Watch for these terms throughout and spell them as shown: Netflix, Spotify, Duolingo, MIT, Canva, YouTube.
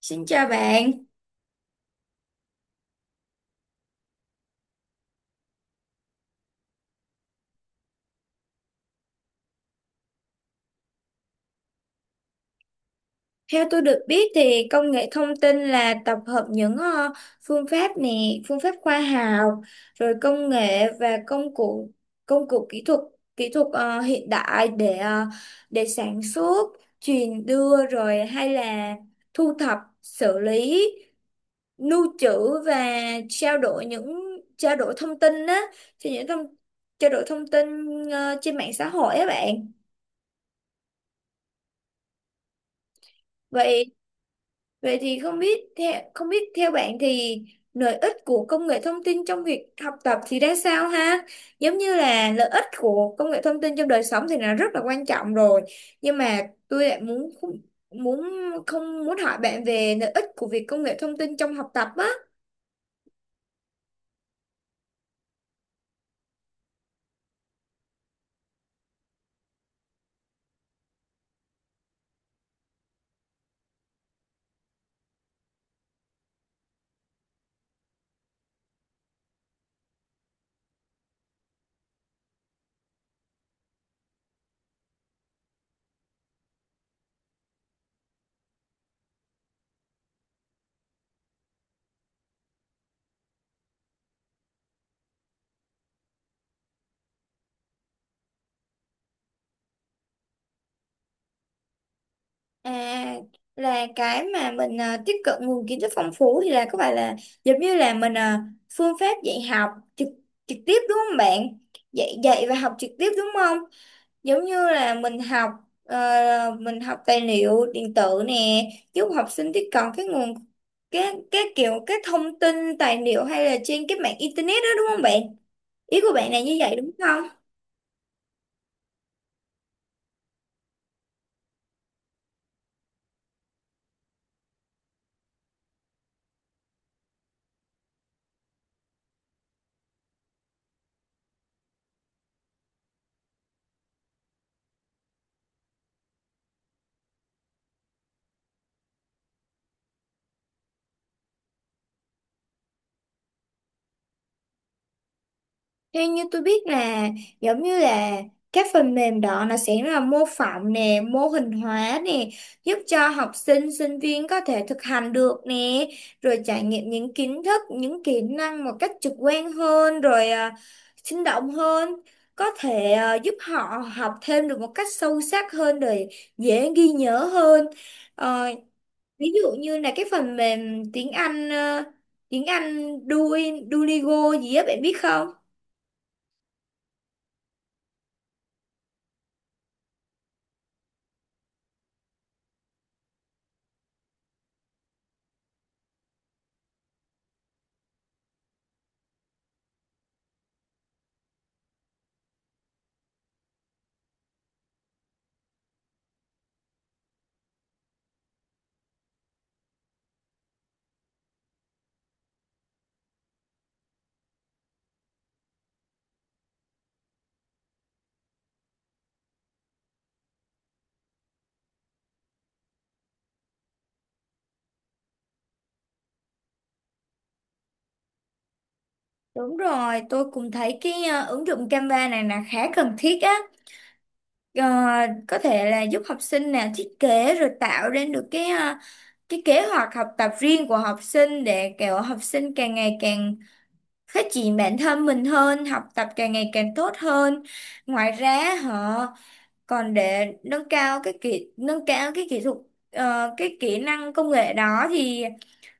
Xin chào bạn. Theo tôi được biết thì công nghệ thông tin là tập hợp những phương pháp nè, phương pháp khoa học, rồi công nghệ và công cụ kỹ thuật hiện đại để sản xuất, truyền đưa rồi hay là thu thập, xử lý, lưu trữ và trao đổi những trao đổi thông tin á, cho những thông trao đổi thông tin trên mạng xã hội á bạn. Vậy Vậy thì không biết theo bạn thì lợi ích của công nghệ thông tin trong việc học tập thì ra sao ha? Giống như là lợi ích của công nghệ thông tin trong đời sống thì là rất là quan trọng rồi. Nhưng mà tôi lại muốn muốn không muốn hỏi bạn về lợi ích của việc công nghệ thông tin trong học tập á. À, là cái mà mình à, tiếp cận nguồn kiến thức phong phú thì là có phải là giống như là mình à, phương pháp dạy học trực trực tiếp đúng không bạn? Dạy dạy và học trực tiếp đúng không? Giống như là mình học ờ, mình học tài liệu điện tử nè, giúp học sinh tiếp cận cái nguồn, cái kiểu cái thông tin tài liệu hay là trên cái mạng internet đó, đúng không bạn? Ý của bạn là như vậy đúng không? Theo như tôi biết là giống như là các phần mềm đó nó sẽ là mô phỏng nè, mô hình hóa nè, giúp cho học sinh, sinh viên có thể thực hành được nè, rồi trải nghiệm những kiến thức, những kỹ năng một cách trực quan hơn, rồi sinh động hơn, có thể giúp họ học thêm được một cách sâu sắc hơn, rồi dễ ghi nhớ hơn. Ờ, Ví dụ như là cái phần mềm tiếng Anh, tiếng Anh Duolingo gì á, bạn biết không? Đúng rồi, tôi cũng thấy cái ờ, ứng dụng Canva này là khá cần thiết á. Ờ, có thể là giúp học sinh nè thiết kế rồi tạo ra được cái ờ, cái kế hoạch học tập riêng của học sinh để kiểu học sinh càng ngày càng phát triển bản thân mình hơn, học tập càng ngày càng tốt hơn. Ngoài ra họ còn để nâng cao cái kỹ thuật ờ, cái kỹ năng công nghệ đó thì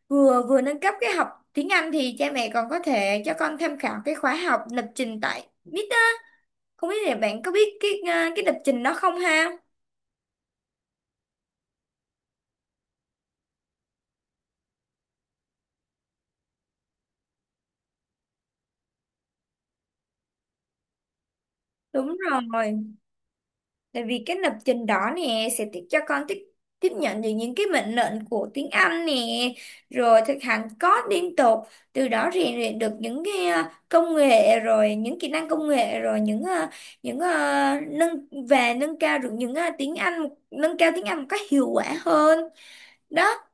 vừa vừa nâng cấp cái học tiếng Anh thì cha mẹ còn có thể cho con tham khảo cái khóa học lập trình tại MIT á. Không biết là bạn có biết cái à, cái lập trình đó không ha? Đúng rồi, tại vì cái lập trình đó nè sẽ tiếp cho con tiếp tiếp nhận được những cái mệnh lệnh của tiếng Anh nè, rồi thực hành code liên tục, từ đó rèn luyện được những cái à, công nghệ rồi những kỹ năng công nghệ rồi nâng cao được những à, tiếng Anh, nâng cao tiếng Anh một cách hiệu quả hơn đó.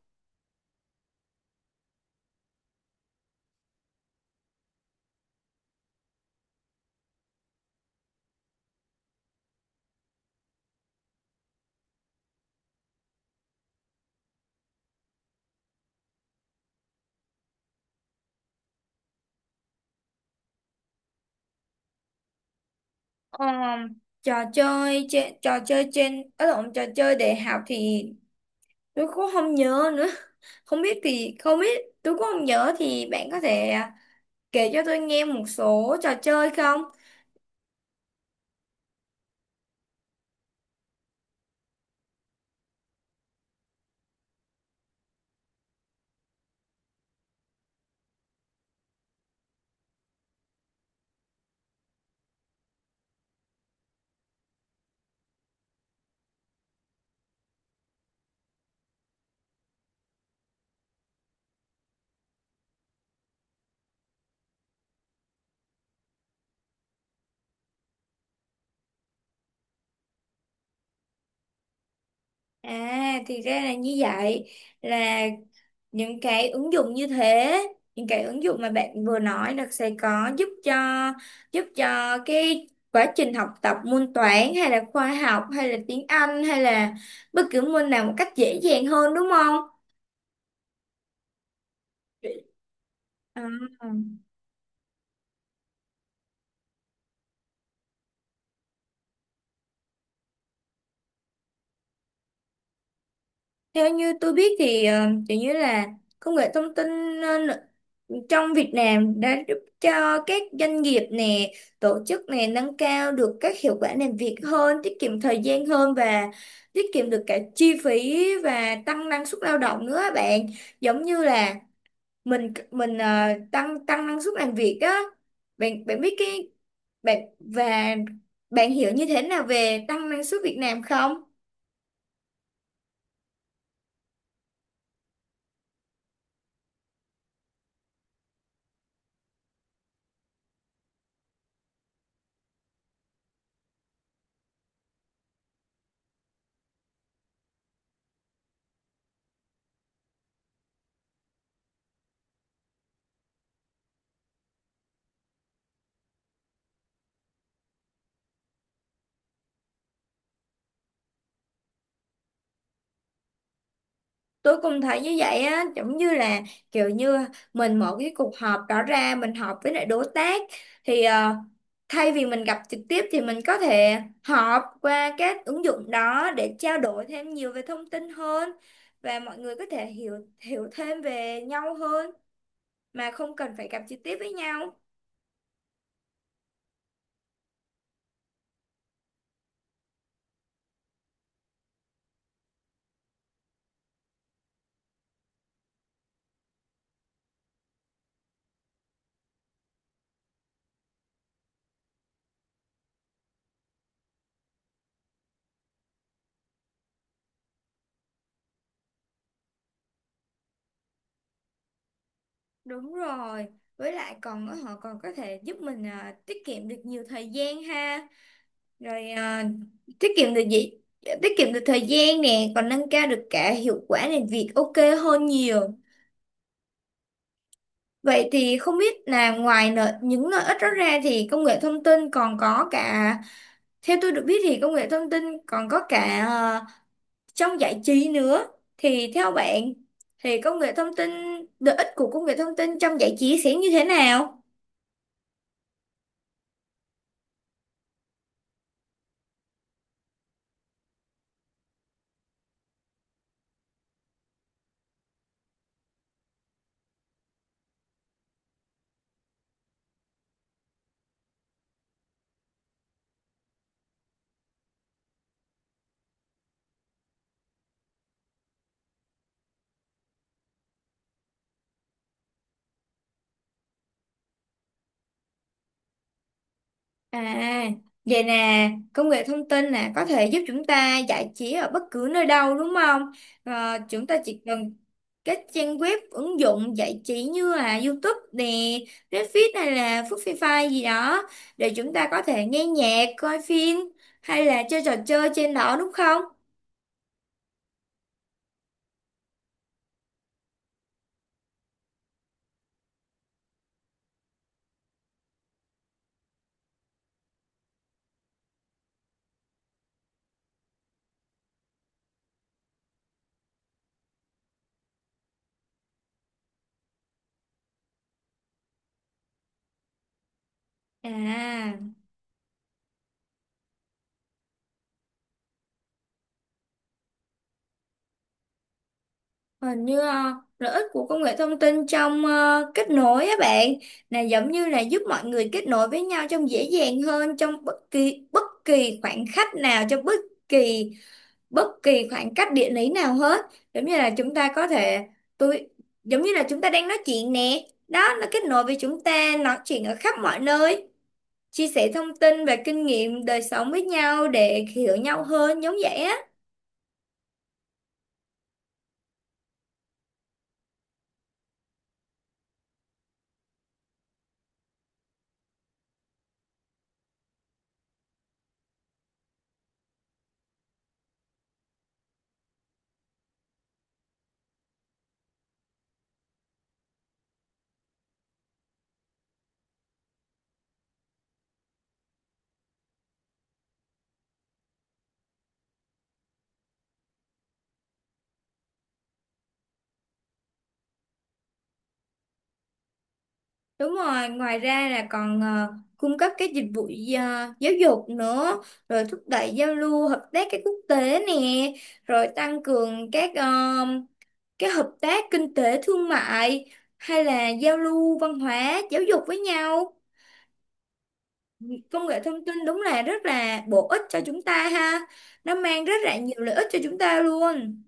Ờ, trò chơi trên ở lộn trò chơi đại học thì tôi cũng không nhớ nữa, không biết thì không biết tôi cũng không nhớ, thì bạn có thể kể cho tôi nghe một số trò chơi không? À thì ra là như vậy, là những cái ứng dụng như thế, những cái ứng dụng mà bạn vừa nói là sẽ có giúp cho cái quá trình học tập môn toán hay là khoa học hay là tiếng Anh hay là bất cứ môn nào một cách dễ dàng hơn đúng không? À, theo như tôi biết thì ờ, kiểu như là công nghệ thông tin ờ, n- trong Việt Nam đã giúp cho các doanh nghiệp nè, tổ chức nè nâng cao được các hiệu quả làm việc hơn, tiết kiệm thời gian hơn và tiết kiệm được cả chi phí và tăng năng suất lao động nữa á bạn. Giống như là mình ờ, tăng tăng năng suất làm việc á. Bạn bạn biết cái bạn và bạn hiểu như thế nào về tăng năng suất Việt Nam không? Tôi cũng thấy như vậy á, giống như là kiểu như mình mở cái cuộc họp đó ra mình họp với lại đối tác thì ờ, thay vì mình gặp trực tiếp thì mình có thể họp qua các ứng dụng đó để trao đổi thêm nhiều về thông tin hơn và mọi người có thể hiểu hiểu thêm về nhau hơn mà không cần phải gặp trực tiếp với nhau. Đúng rồi, với lại còn họ còn có thể giúp mình ờ, tiết kiệm được nhiều thời gian ha, rồi à, tiết kiệm được gì tiết kiệm được thời gian nè, còn nâng cao được cả hiệu quả làm việc, ok, hơn nhiều. Vậy thì không biết là những lợi ích đó ra thì công nghệ thông tin còn có cả theo tôi được biết thì công nghệ thông tin còn có cả à, trong giải trí nữa, thì theo bạn thì công nghệ thông tin lợi ích của công nghệ thông tin trong giải trí sẽ như thế nào? À, vậy nè, công nghệ thông tin nè, có thể giúp chúng ta giải trí ở bất cứ nơi đâu đúng không? Ờ, chúng ta chỉ cần các trang web, ứng dụng giải trí như là YouTube nè, Netflix hay là Spotify gì đó để chúng ta có thể nghe nhạc, coi phim hay là chơi trò chơi trên đó đúng không? À. Hình như ờ, lợi ích của công nghệ thông tin trong ờ, kết nối á bạn, là giống như là giúp mọi người kết nối với nhau trong dễ dàng hơn trong bất kỳ khoảng cách nào, trong kỳ bất kỳ khoảng cách địa lý nào hết, giống như là chúng ta có thể tôi giống như là chúng ta đang nói chuyện nè đó, nó kết nối với chúng ta nói chuyện ở khắp mọi nơi, chia sẻ thông tin và kinh nghiệm đời sống với nhau để hiểu nhau hơn giống vậy á. Đúng rồi, ngoài ra là còn ờ, cung cấp các dịch vụ ờ, giáo dục nữa, rồi thúc đẩy giao lưu hợp tác các quốc tế nè, rồi tăng cường các ờ, cái hợp tác kinh tế thương mại hay là giao lưu văn hóa giáo dục với nhau. Công nghệ thông tin đúng là rất là bổ ích cho chúng ta ha. Nó mang rất là nhiều lợi ích cho chúng ta luôn.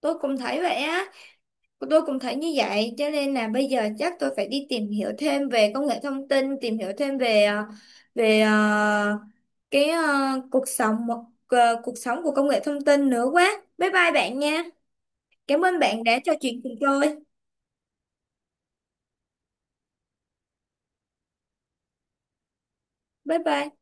Tôi cũng thấy vậy á. Tôi cũng thấy như vậy, cho nên là bây giờ chắc tôi phải đi tìm hiểu thêm về công nghệ thông tin, tìm hiểu thêm về ờ, cái ờ, cuộc sống một ờ, cuộc sống của công nghệ thông tin nữa quá. Bye bye bạn nha. Cảm ơn bạn đã trò chuyện cùng tôi. Bye bye.